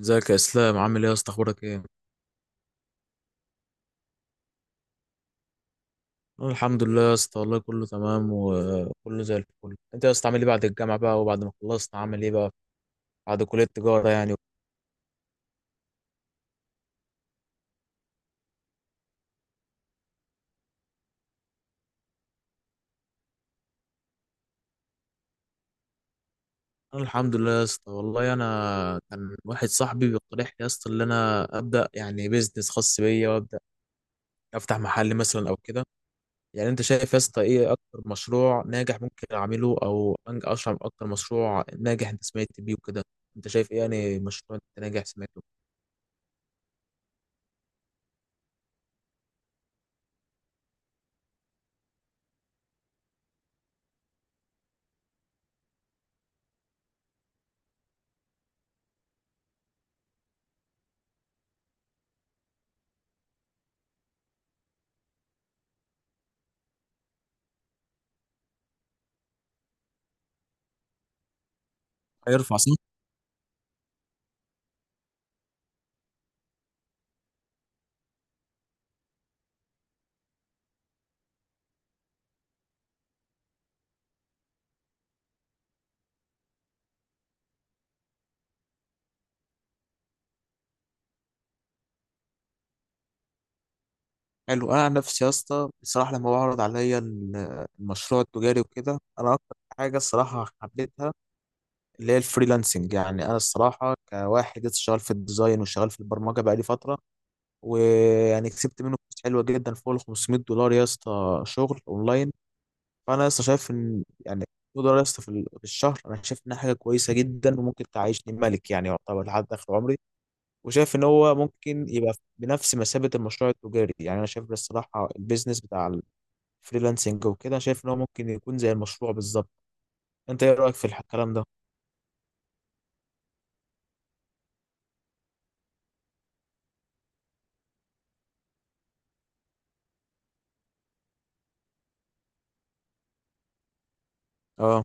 ازيك يا اسلام؟ عامل ايه يا اسطى؟ اخبارك ايه؟ أنا الحمد لله يا اسطى، والله كله تمام وكله زي الفل. انت يا اسطى عامل ايه بعد الجامعه بقى؟ وبعد ما خلصت عامل ايه بقى؟ بعد كليه التجاره يعني. انا الحمد لله يا اسطى، والله انا كان واحد صاحبي بيقترح لي يا اسطى ان انا ابدا يعني بيزنس خاص بيا، وابدا افتح محل مثلا او كده. يعني انت شايف يا اسطى ايه اكتر مشروع ناجح ممكن اعمله، او اشرح اكتر مشروع ناجح انت سمعت بيه وكده. انت شايف ايه يعني مشروع انت ناجح سمعته؟ هيرفع. حلو. انا عن نفسي يا اسطى بصراحه لما بعرض عليا المشروع التجاري وكده، انا اكتر حاجه الصراحه حبيتها اللي هي الفريلانسنج. يعني انا الصراحه كواحد لسه شغال في الديزاين وشغال في البرمجه بقالي فتره، ويعني كسبت منه فلوس حلوه جدا فوق ال 500 دولار يا اسطى، شغل اونلاين. فانا لسه شايف ان يعني 100 دولار يا اسطى في في الشهر، انا شايف انها حاجه كويسه جدا وممكن تعيشني ملك يعني، يعتبر لحد اخر عمري. وشايف ان هو ممكن يبقى بنفس مثابه المشروع التجاري. يعني انا شايف الصراحه البيزنس بتاع فريلانسنج وكده، شايف ان هو ممكن يكون زي المشروع بالظبط. انت ايه رايك في الكلام ده؟ اه.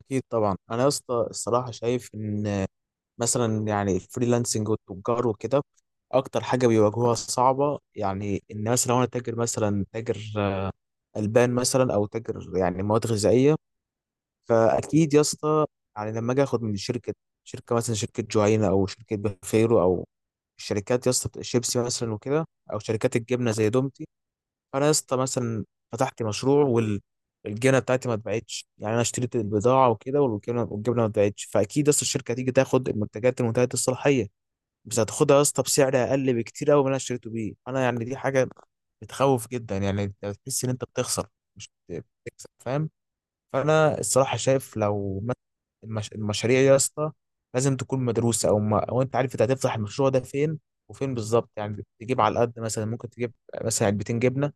اكيد طبعا. انا يا اسطى الصراحه شايف ان مثلا يعني الفريلانسنج والتجار وكده، اكتر حاجه بيواجهوها صعبه، يعني ان مثلا لو انا تاجر، مثلا تاجر البان مثلا، او تاجر يعني مواد غذائيه، فاكيد يا اسطى يعني لما اجي اخد من شركه مثلا، شركه جوعينا او شركه بخيرو، او الشركات يا اسطى بتاع شيبسي مثلا وكده، او شركات الجبنه زي دومتي. انا يا اسطى مثلا فتحت مشروع، والجبنه بتاعتي ما اتباعتش. يعني انا اشتريت البضاعه وكده، والجبنه ما اتباعتش، فاكيد يا اسطى الشركه هتيجي تاخد المنتجات المنتهيه الصلاحيه، بس هتاخدها يا اسطى بسعر اقل بكتير قوي من اللي انا اشتريته بيه انا. يعني دي حاجه بتخوف جدا، يعني أنت بتحس ان انت بتخسر مش بتكسب، فاهم. فانا الصراحه شايف لو المشاريع يا اسطى لازم تكون مدروسه، او ما... او انت عارف انت هتفتح المشروع ده فين، وفين بالظبط. يعني تجيب على قد مثلا، ممكن تجيب مثلا علبتين جبنه،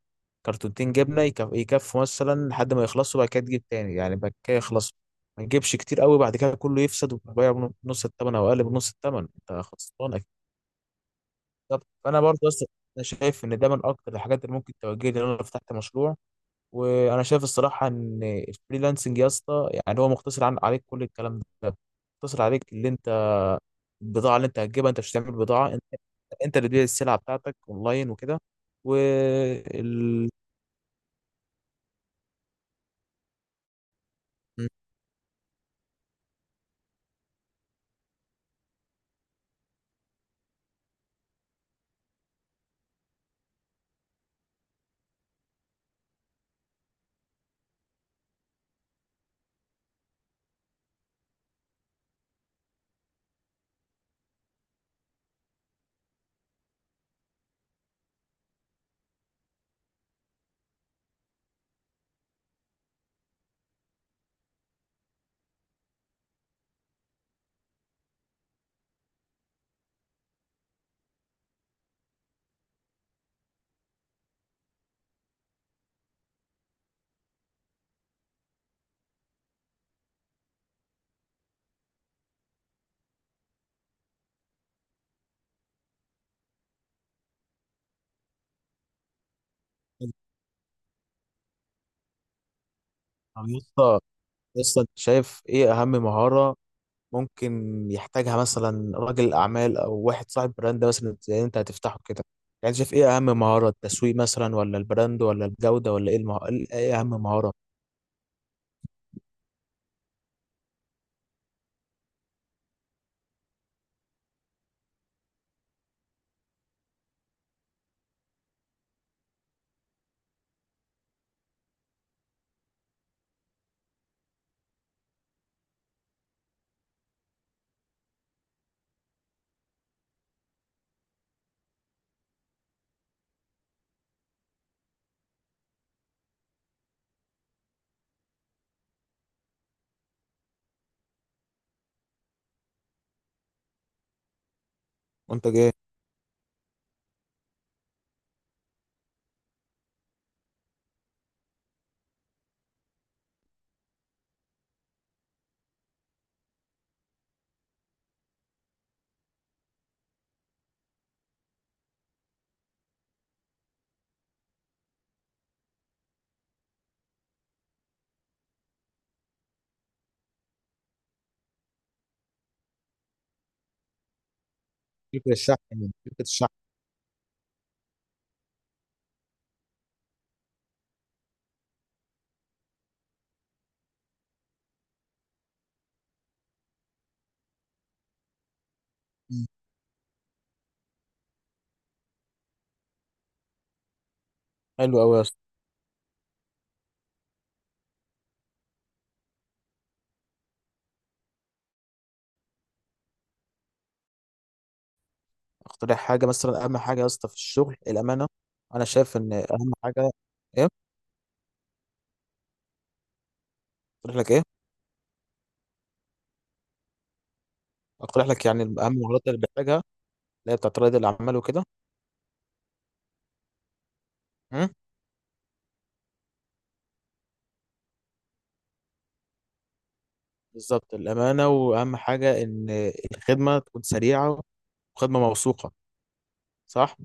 كرتونتين جبنه، يكفوا مثلا لحد ما يخلصوا، بعد كده تجيب تاني يعني، بعد كده يخلصوا. ما تجيبش كتير قوي بعد كده كله يفسد، وتبيع بنص الثمن او اقل بنص الثمن، انت خسران اكيد. بالظبط. فانا برضه اصلا انا شايف ان ده من اكتر الحاجات اللي ممكن توجهني ان انا لو فتحت مشروع. وانا شايف الصراحه ان الفريلانسنج يا اسطى يعني هو مختصر عن، عليك كل الكلام ده، مختصر عليك اللي انت، البضاعه اللي انت هتجيبها، انت مش هتعمل بضاعه انت. انت اللي تبيع السلعه بتاعتك اونلاين وكده. وال. طب يا اسطى، يا اسطى انت شايف ايه اهم مهاره ممكن يحتاجها مثلا راجل اعمال او واحد صاحب براند، مثلا زي انت هتفتحه كده؟ يعني شايف ايه اهم مهاره؟ التسويق مثلا، ولا البراند، ولا الجوده، ولا ايه ايه اهم مهاره؟ وانت جاي. شركه الشحن يعني، شركه الشحن. مم. حلو قوي يا اسطى. اقترح حاجه مثلا. اهم حاجه يا اسطى في الشغل الامانه، انا شايف ان اهم حاجه. ايه؟ اقترح لك ايه؟ اقترح لك يعني اهم المهارات اللي بحتاجها، اللي هي بتاعت رائد الاعمال وكده. مم. بالظبط. الامانه، واهم حاجه ان الخدمه تكون سريعه وخدمه موثوقه، صح؟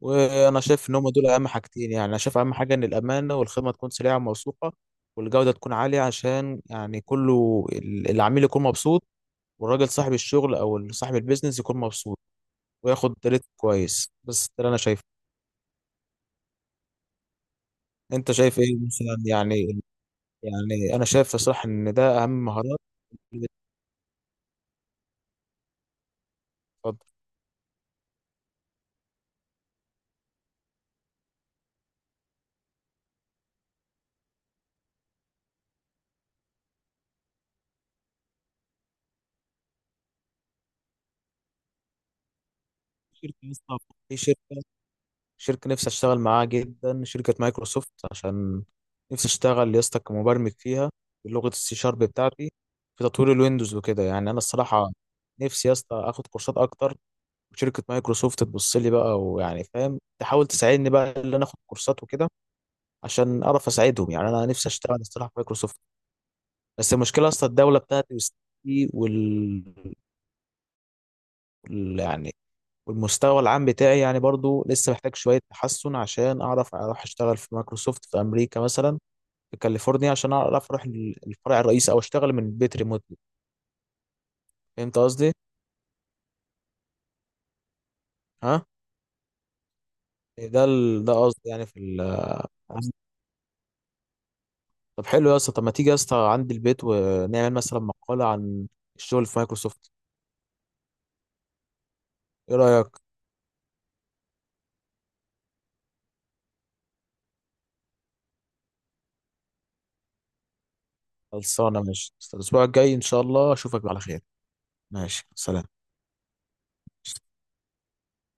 وانا شايف ان هم دول اهم حاجتين. يعني انا شايف اهم حاجه ان الامانه، والخدمه تكون سريعه وموثوقه، والجوده تكون عاليه، عشان يعني كله العميل يكون مبسوط، والراجل صاحب الشغل او صاحب البيزنس يكون مبسوط وياخد ريت كويس. بس ده اللي انا شايفه. انت شايف ايه مثلا يعني؟ يعني انا شايف صراحة ان ده اهم مهارات اللي. بتتفضل. شركة لسه- في شركة، شركة نفسي اشتغل معاها جدا، شركة مايكروسوفت، عشان نفسي اشتغل يا اسطى كمبرمج فيها بلغة السي شارب بتاعتي، في تطوير الويندوز وكده. يعني انا الصراحة نفسي يا اسطى اخد كورسات اكتر، وشركة مايكروسوفت تبص لي بقى، ويعني فاهم تحاول تساعدني بقى ان انا اخد كورسات وكده، عشان اعرف اساعدهم. يعني انا نفسي اشتغل الصراحة في مايكروسوفت. بس المشكله اصلا الدوله بتاعتي وسياستي وال، يعني والمستوى العام بتاعي يعني برضو لسه محتاج شويه تحسن، عشان اعرف اروح اشتغل في مايكروسوفت في امريكا مثلا، في كاليفورنيا، عشان اعرف اروح الفرع الرئيسي، او اشتغل من البيت ريموتلي. فهمت قصدي؟ ها. إيه ده ده قصدي يعني في طب حلو يا اسطى. طب ما تيجي يا اسطى عندي البيت ونعمل مثلا مقاله عن الشغل في مايكروسوفت؟ ايه رايك؟ خلصانه. ماشي. الاسبوع الجاي ان شاء الله اشوفك على خير. ماشي، سلام.